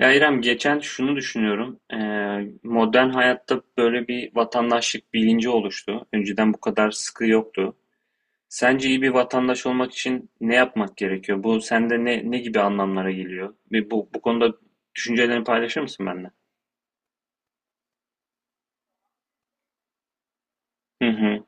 Ya İrem geçen şunu düşünüyorum. Modern hayatta böyle bir vatandaşlık bilinci oluştu. Önceden bu kadar sıkı yoktu. Sence iyi bir vatandaş olmak için ne yapmak gerekiyor? Bu sende ne gibi anlamlara geliyor? Bir bu konuda düşüncelerini paylaşır mısın benimle? Hı hı.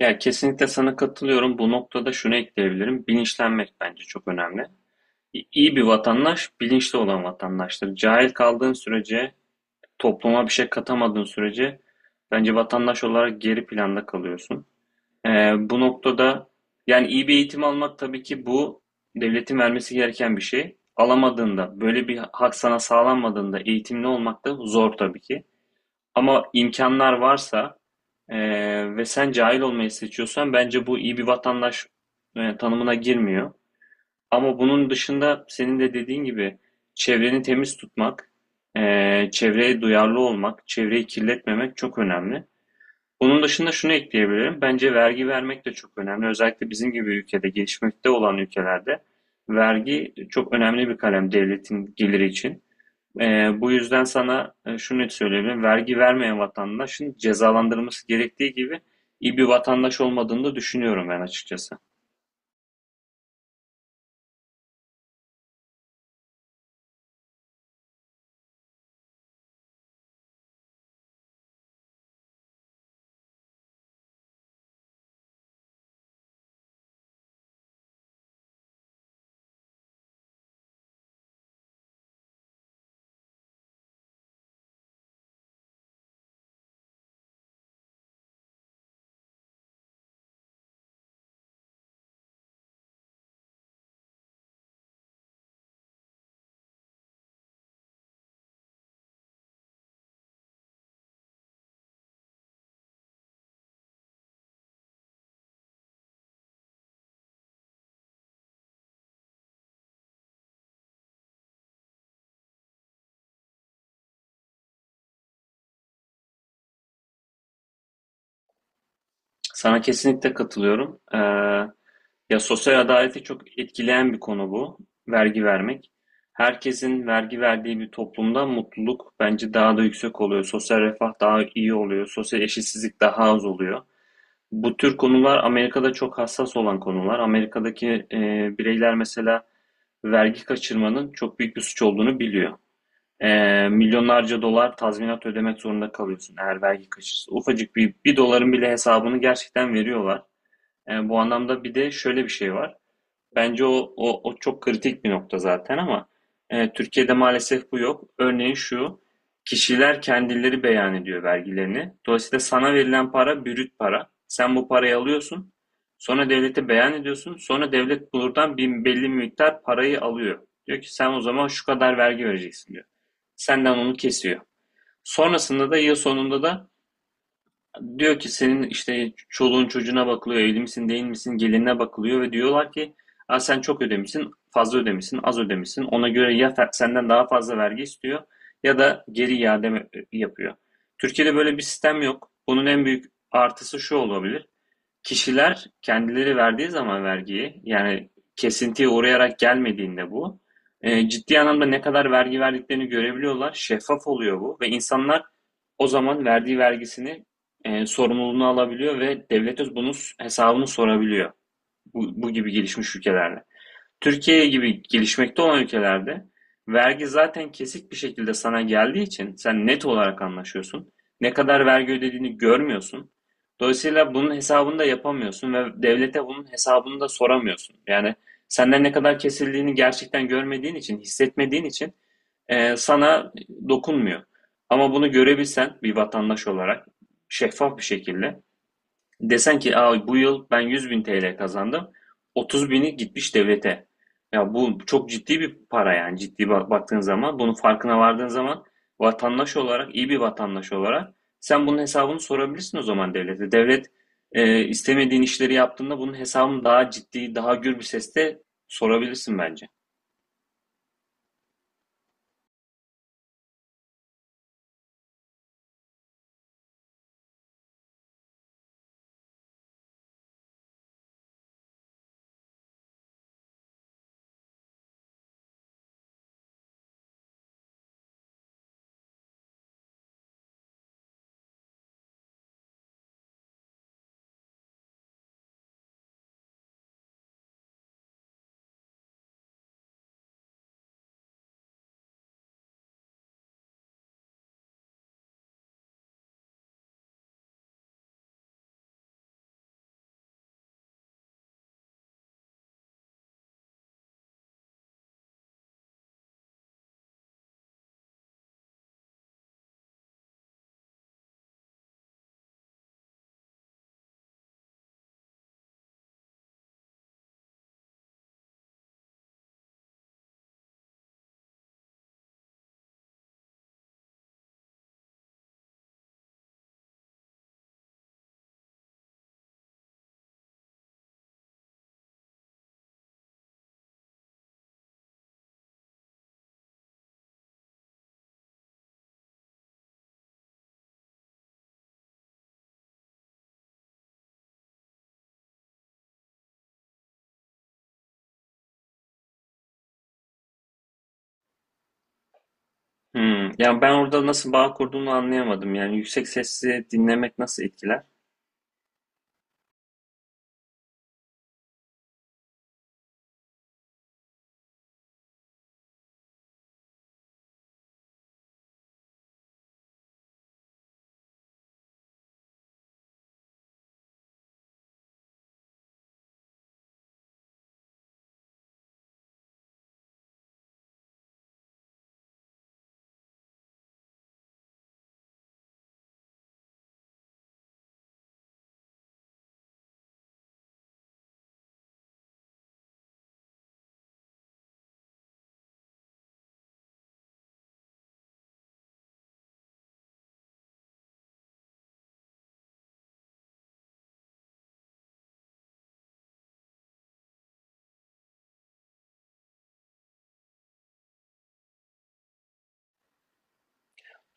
Ya kesinlikle sana katılıyorum. Bu noktada şunu ekleyebilirim. Bilinçlenmek bence çok önemli. İyi bir vatandaş bilinçli olan vatandaştır. Cahil kaldığın sürece topluma bir şey katamadığın sürece bence vatandaş olarak geri planda kalıyorsun. Bu noktada yani iyi bir eğitim almak tabii ki bu devletin vermesi gereken bir şey. Alamadığında, böyle bir hak sana sağlanmadığında eğitimli olmak da zor tabii ki. Ama imkanlar varsa e, ve sen cahil olmayı seçiyorsan bence bu iyi bir vatandaş tanımına girmiyor. Ama bunun dışında senin de dediğin gibi çevreni temiz tutmak, çevreye duyarlı olmak, çevreyi kirletmemek çok önemli. Bunun dışında şunu ekleyebilirim. Bence vergi vermek de çok önemli. Özellikle bizim gibi ülkede, gelişmekte olan ülkelerde vergi çok önemli bir kalem devletin geliri için. Bu yüzden sana şunu söyleyebilirim. Vergi vermeyen vatandaşın cezalandırılması gerektiği gibi iyi bir vatandaş olmadığını da düşünüyorum ben açıkçası. Sana kesinlikle katılıyorum. Ya sosyal adaleti çok etkileyen bir konu bu. Vergi vermek. Herkesin vergi verdiği bir toplumda mutluluk bence daha da yüksek oluyor. Sosyal refah daha iyi oluyor. Sosyal eşitsizlik daha az oluyor. Bu tür konular Amerika'da çok hassas olan konular. Amerika'daki bireyler mesela vergi kaçırmanın çok büyük bir suç olduğunu biliyor. Milyonlarca dolar tazminat ödemek zorunda kalıyorsun eğer vergi kaçırırsa. Ufacık bir doların bile hesabını gerçekten veriyorlar. Bu anlamda bir de şöyle bir şey var. Bence o çok kritik bir nokta zaten ama Türkiye'de maalesef bu yok. Örneğin şu, kişiler kendileri beyan ediyor vergilerini. Dolayısıyla sana verilen para bürüt para. Sen bu parayı alıyorsun, sonra devlete beyan ediyorsun, sonra devlet buradan bir belli miktar parayı alıyor. Diyor ki sen o zaman şu kadar vergi vereceksin diyor. Senden onu kesiyor. Sonrasında da yıl sonunda da diyor ki senin işte çoluğun çocuğuna bakılıyor, evli misin değil misin, gelinine bakılıyor ve diyorlar ki aa, sen çok ödemişsin, fazla ödemişsin, az ödemişsin. Ona göre ya senden daha fazla vergi istiyor ya da geri iade yapıyor. Türkiye'de böyle bir sistem yok. Bunun en büyük artısı şu olabilir. Kişiler kendileri verdiği zaman vergiyi, yani kesintiye uğrayarak gelmediğinde bu, ciddi anlamda ne kadar vergi verdiklerini görebiliyorlar. Şeffaf oluyor bu ve insanlar o zaman verdiği vergisini sorumluluğunu alabiliyor ve devlete bunun hesabını sorabiliyor. Bu gibi gelişmiş ülkelerle. Türkiye gibi gelişmekte olan ülkelerde vergi zaten kesik bir şekilde sana geldiği için sen net olarak anlaşıyorsun. Ne kadar vergi ödediğini görmüyorsun. Dolayısıyla bunun hesabını da yapamıyorsun ve devlete bunun hesabını da soramıyorsun. Yani senden ne kadar kesildiğini gerçekten görmediğin için, hissetmediğin için sana dokunmuyor. Ama bunu görebilsen bir vatandaş olarak şeffaf bir şekilde desen ki aa, bu yıl ben 100.000 TL kazandım, 30 bini gitmiş devlete. Ya bu çok ciddi bir para yani ciddi baktığın zaman. Bunun farkına vardığın zaman vatandaş olarak iyi bir vatandaş olarak sen bunun hesabını sorabilirsin o zaman devlete. Devlet istemediğin işleri yaptığında bunun hesabını daha ciddi, daha gür bir sesle sorabilirsin bence. Hmm. Yani ben orada nasıl bağ kurduğunu anlayamadım. Yani yüksek sesli dinlemek nasıl etkiler?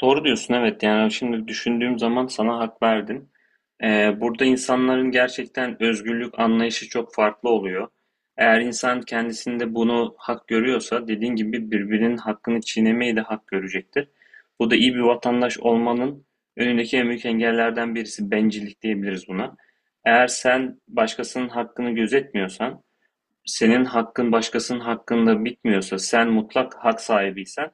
Doğru diyorsun, evet. Yani şimdi düşündüğüm zaman sana hak verdim. Burada insanların gerçekten özgürlük anlayışı çok farklı oluyor. Eğer insan kendisinde bunu hak görüyorsa, dediğin gibi birbirinin hakkını çiğnemeyi de hak görecektir. Bu da iyi bir vatandaş olmanın önündeki en büyük engellerden birisi bencillik, diyebiliriz buna. Eğer sen başkasının hakkını gözetmiyorsan, senin hakkın başkasının hakkında bitmiyorsa, sen mutlak hak sahibiysen,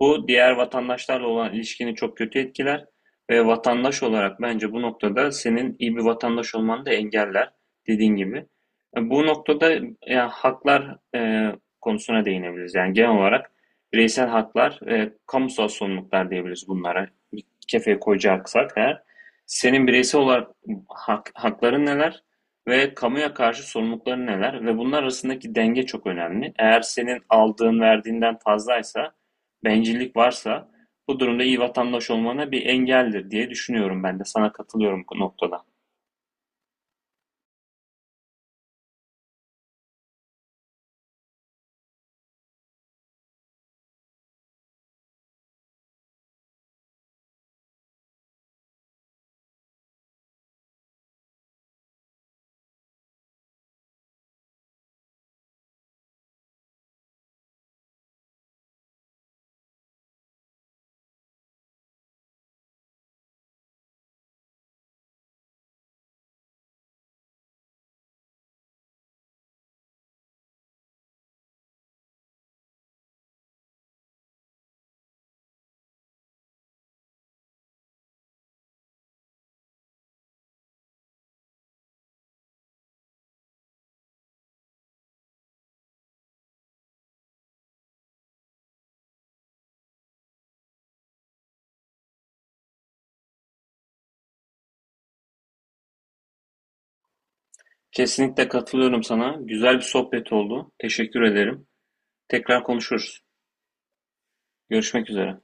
bu diğer vatandaşlarla olan ilişkini çok kötü etkiler ve vatandaş olarak bence bu noktada senin iyi bir vatandaş olmanı da engeller dediğin gibi. Bu noktada haklar konusuna değinebiliriz. Yani genel olarak bireysel haklar, kamusal sorumluluklar diyebiliriz bunlara kefeye koyacaksak eğer senin bireysel olarak hakların neler ve kamuya karşı sorumlulukların neler ve bunlar arasındaki denge çok önemli. Eğer senin aldığın verdiğinden fazlaysa, bencillik varsa bu durumda iyi vatandaş olmana bir engeldir diye düşünüyorum ben de. Sana katılıyorum bu noktada. Kesinlikle katılıyorum sana. Güzel bir sohbet oldu. Teşekkür ederim. Tekrar konuşuruz. Görüşmek üzere.